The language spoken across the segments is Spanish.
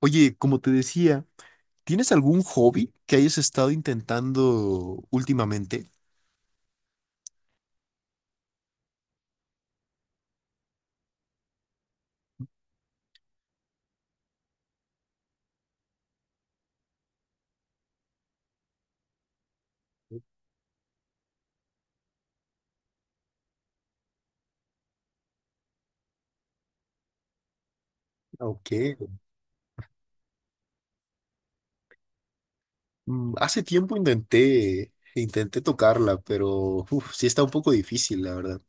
Oye, como te decía, ¿tienes algún hobby que hayas estado intentando últimamente? Okay. Hace tiempo intenté tocarla, pero uf, sí está un poco difícil, la verdad.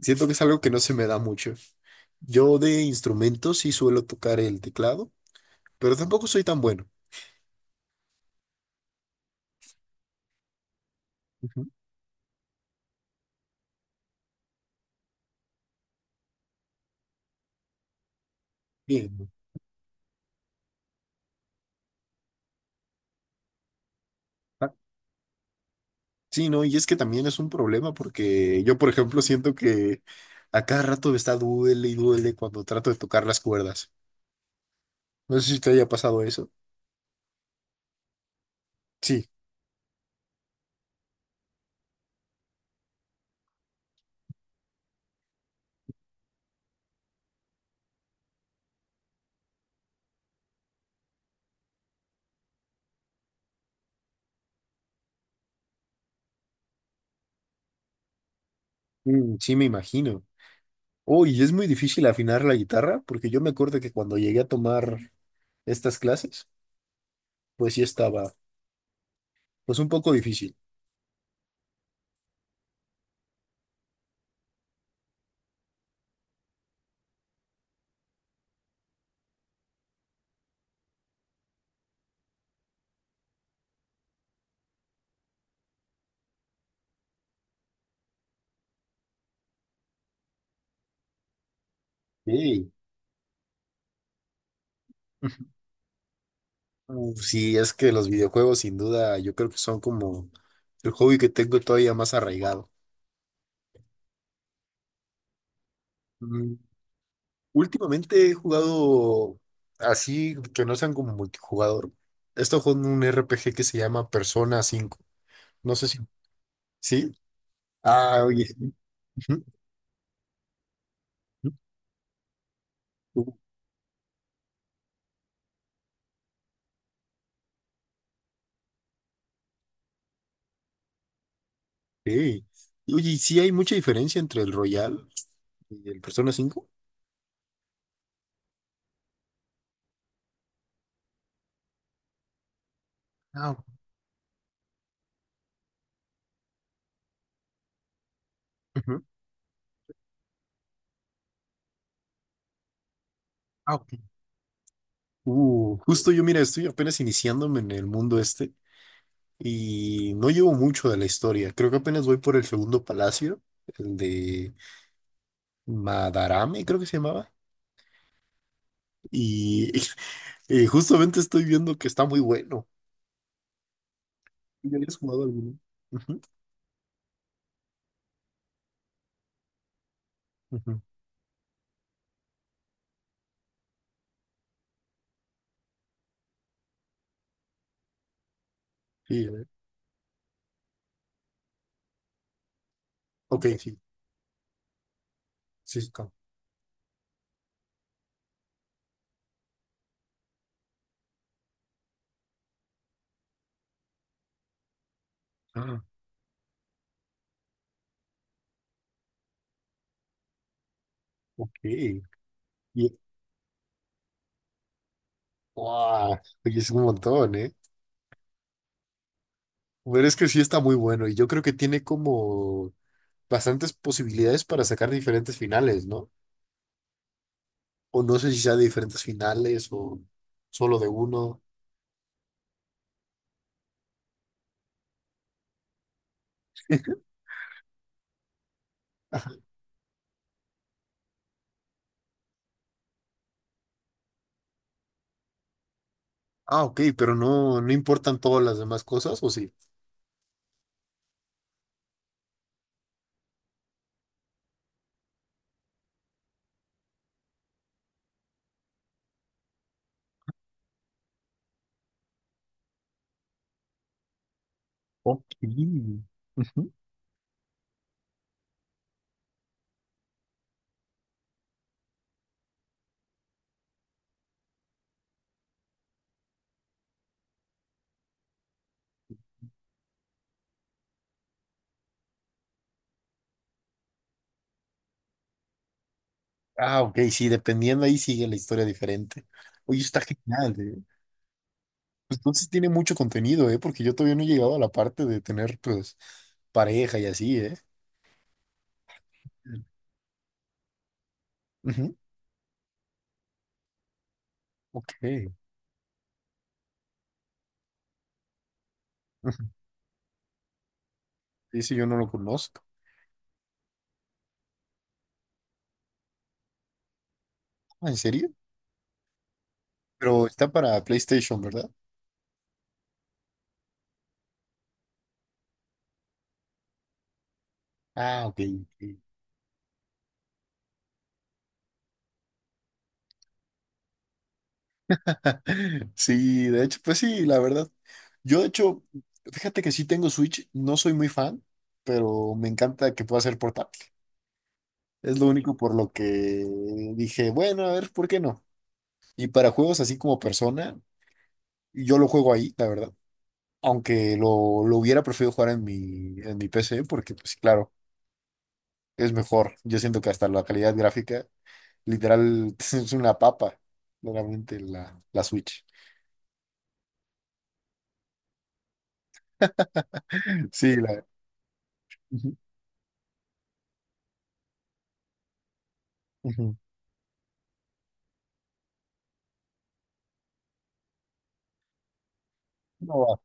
Siento que es algo que no se me da mucho. Yo de instrumentos sí suelo tocar el teclado, pero tampoco soy tan bueno. Ujú. Bien. Ah, sí, no, y es que también es un problema porque yo, por ejemplo, siento que a cada rato me está duele y duele cuando trato de tocar las cuerdas. No sé si te haya pasado eso. Sí, sí me imagino. Oh, y es muy difícil afinar la guitarra, porque yo me acuerdo que cuando llegué a tomar estas clases, pues sí estaba, pues un poco difícil. Sí. Sí, es que los videojuegos sin duda yo creo que son como el hobby que tengo todavía más arraigado. Mm, Últimamente he jugado así que no sean como multijugador. He estado jugando un RPG que se llama Persona cinco. No sé si... ¿Sí? Ah, oye. Ujú. Sí. Y oye, ¿y sí hay mucha diferencia entre el Royal y el Persona cinco? Ah, ok. Ujú. Ah, ok. Justo yo, mira, estoy apenas iniciándome en el mundo este y no llevo mucho de la historia. Creo que apenas voy por el segundo palacio, el de Madarame, creo que se llamaba. Y justamente estoy viendo que está muy bueno. ¿Ya habías jugado alguno? Ujú, ujú. Sí, a ver. Ok, sí. Sí, está. Ah, ok. Y, ¡guau! Oye, es un montón, ¿eh? Pero es que sí está muy bueno y yo creo que tiene como bastantes posibilidades para sacar diferentes finales, ¿no? O no sé si sea de diferentes finales o solo de uno. Ah, ok, pero no, no importan todas las demás cosas, ¿o sí? Ok. Ujú. Ah, ok, sí, dependiendo ahí sigue la historia diferente. Oye, está genial, ¿eh? Pues entonces tiene mucho contenido, ¿eh? Porque yo todavía no he llegado a la parte de tener, pues, pareja y así, ¿eh? Ujú. Ok, Ujú. Ese yo no lo conozco. Ah, ¿en serio? Pero está para PlayStation, ¿verdad? Ah, ok. Ok. Sí, de hecho, pues sí, la verdad. Yo, de hecho, fíjate que sí tengo Switch, no soy muy fan, pero me encanta que pueda ser portátil. Es lo único por lo que dije, bueno, a ver, ¿por qué no? Y para juegos así como Persona, yo lo juego ahí, la verdad. Aunque lo hubiera preferido jugar en mi PC, porque, pues claro, es mejor. Yo siento que hasta la calidad gráfica literal, es una papa, claramente la Switch. Sí, la... Ujú, ujú. No va.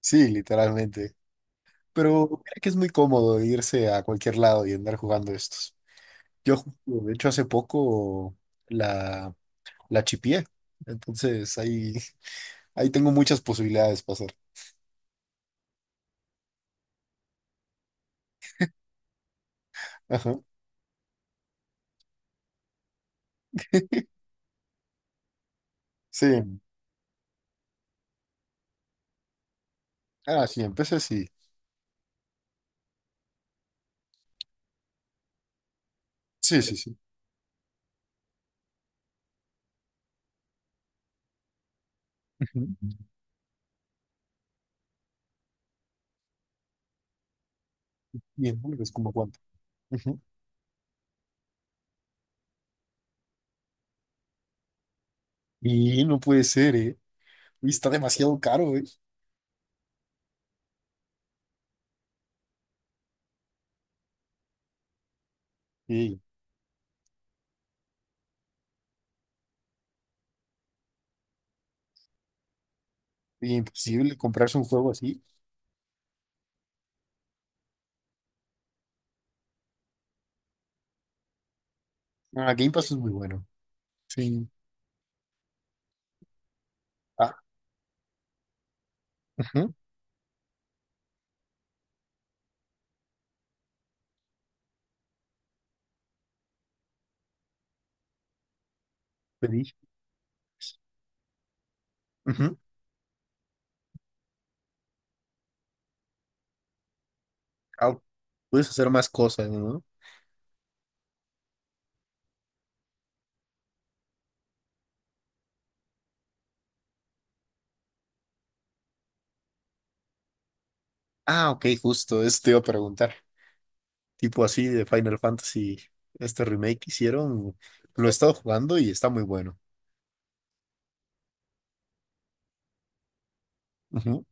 Sí, literalmente. Pero mira que es muy cómodo irse a cualquier lado y andar jugando estos. Yo, justo, de hecho, hace poco la, la chipié. Entonces, ahí, ahí tengo muchas posibilidades para hacer. Ajá. Sí. Ah, sí, empecé, sí. Sí, sí, sí. Ujú. Bien, es como cuánto. Ujú. Y no puede ser, ¿eh? Y está demasiado caro, ¿eh? Sí. Y imposible comprarse un juego así. Ah, Game Pass es muy bueno. Sí. Ah, ujú, te dije. Ujú. Ah, puedes hacer más cosas, ¿no? Ah, ok, justo, eso te iba a preguntar. Tipo así de Final Fantasy, este remake que hicieron, lo he estado jugando y está muy bueno. Ujú,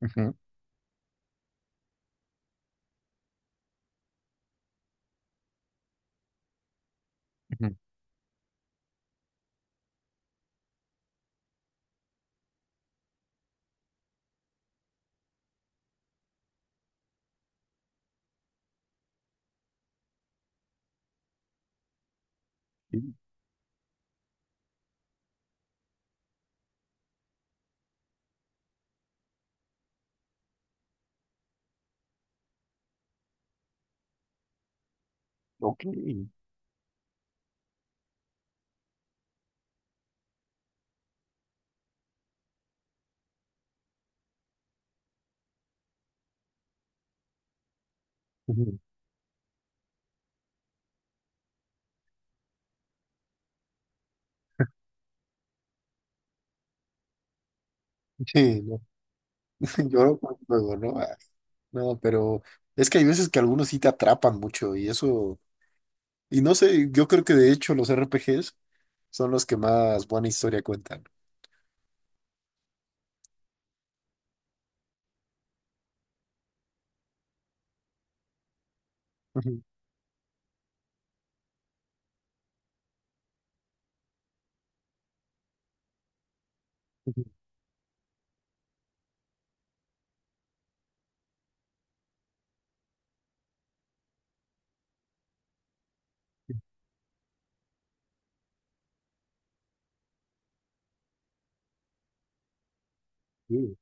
ujú, ujú. Sí, ok. Ujú. Sí, no, lloro con el juego, ¿no? Ah, no, pero es que hay veces que algunos sí te atrapan mucho y eso, y no sé, yo creo que de hecho los RPGs son los que más buena historia cuentan. Ujú, ujú, sí,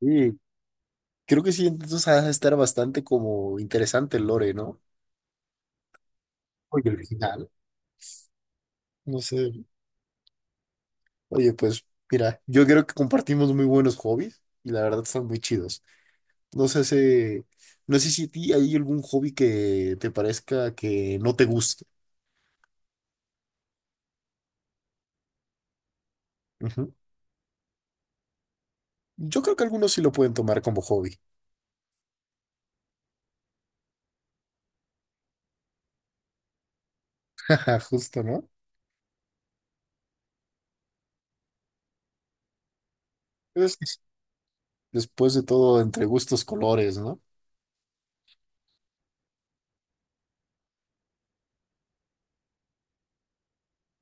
sí. Creo que sí, entonces ha de estar bastante como interesante el lore, ¿no? Oye, original. No sé. Oye, pues mira, yo creo que compartimos muy buenos hobbies y la verdad son muy chidos. No sé no sé si a ti hay algún hobby que te parezca que no te guste. Ujú. Yo creo que algunos sí lo pueden tomar como hobby. Justo, ¿no? Pero es que después de todo, entre gustos, colores, ¿no?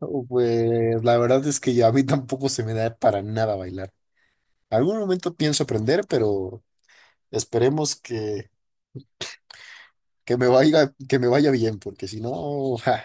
Oh, pues la verdad es que ya a mí tampoco se me da para nada bailar. Algún momento pienso aprender, pero esperemos que me vaya bien, porque si no, ja.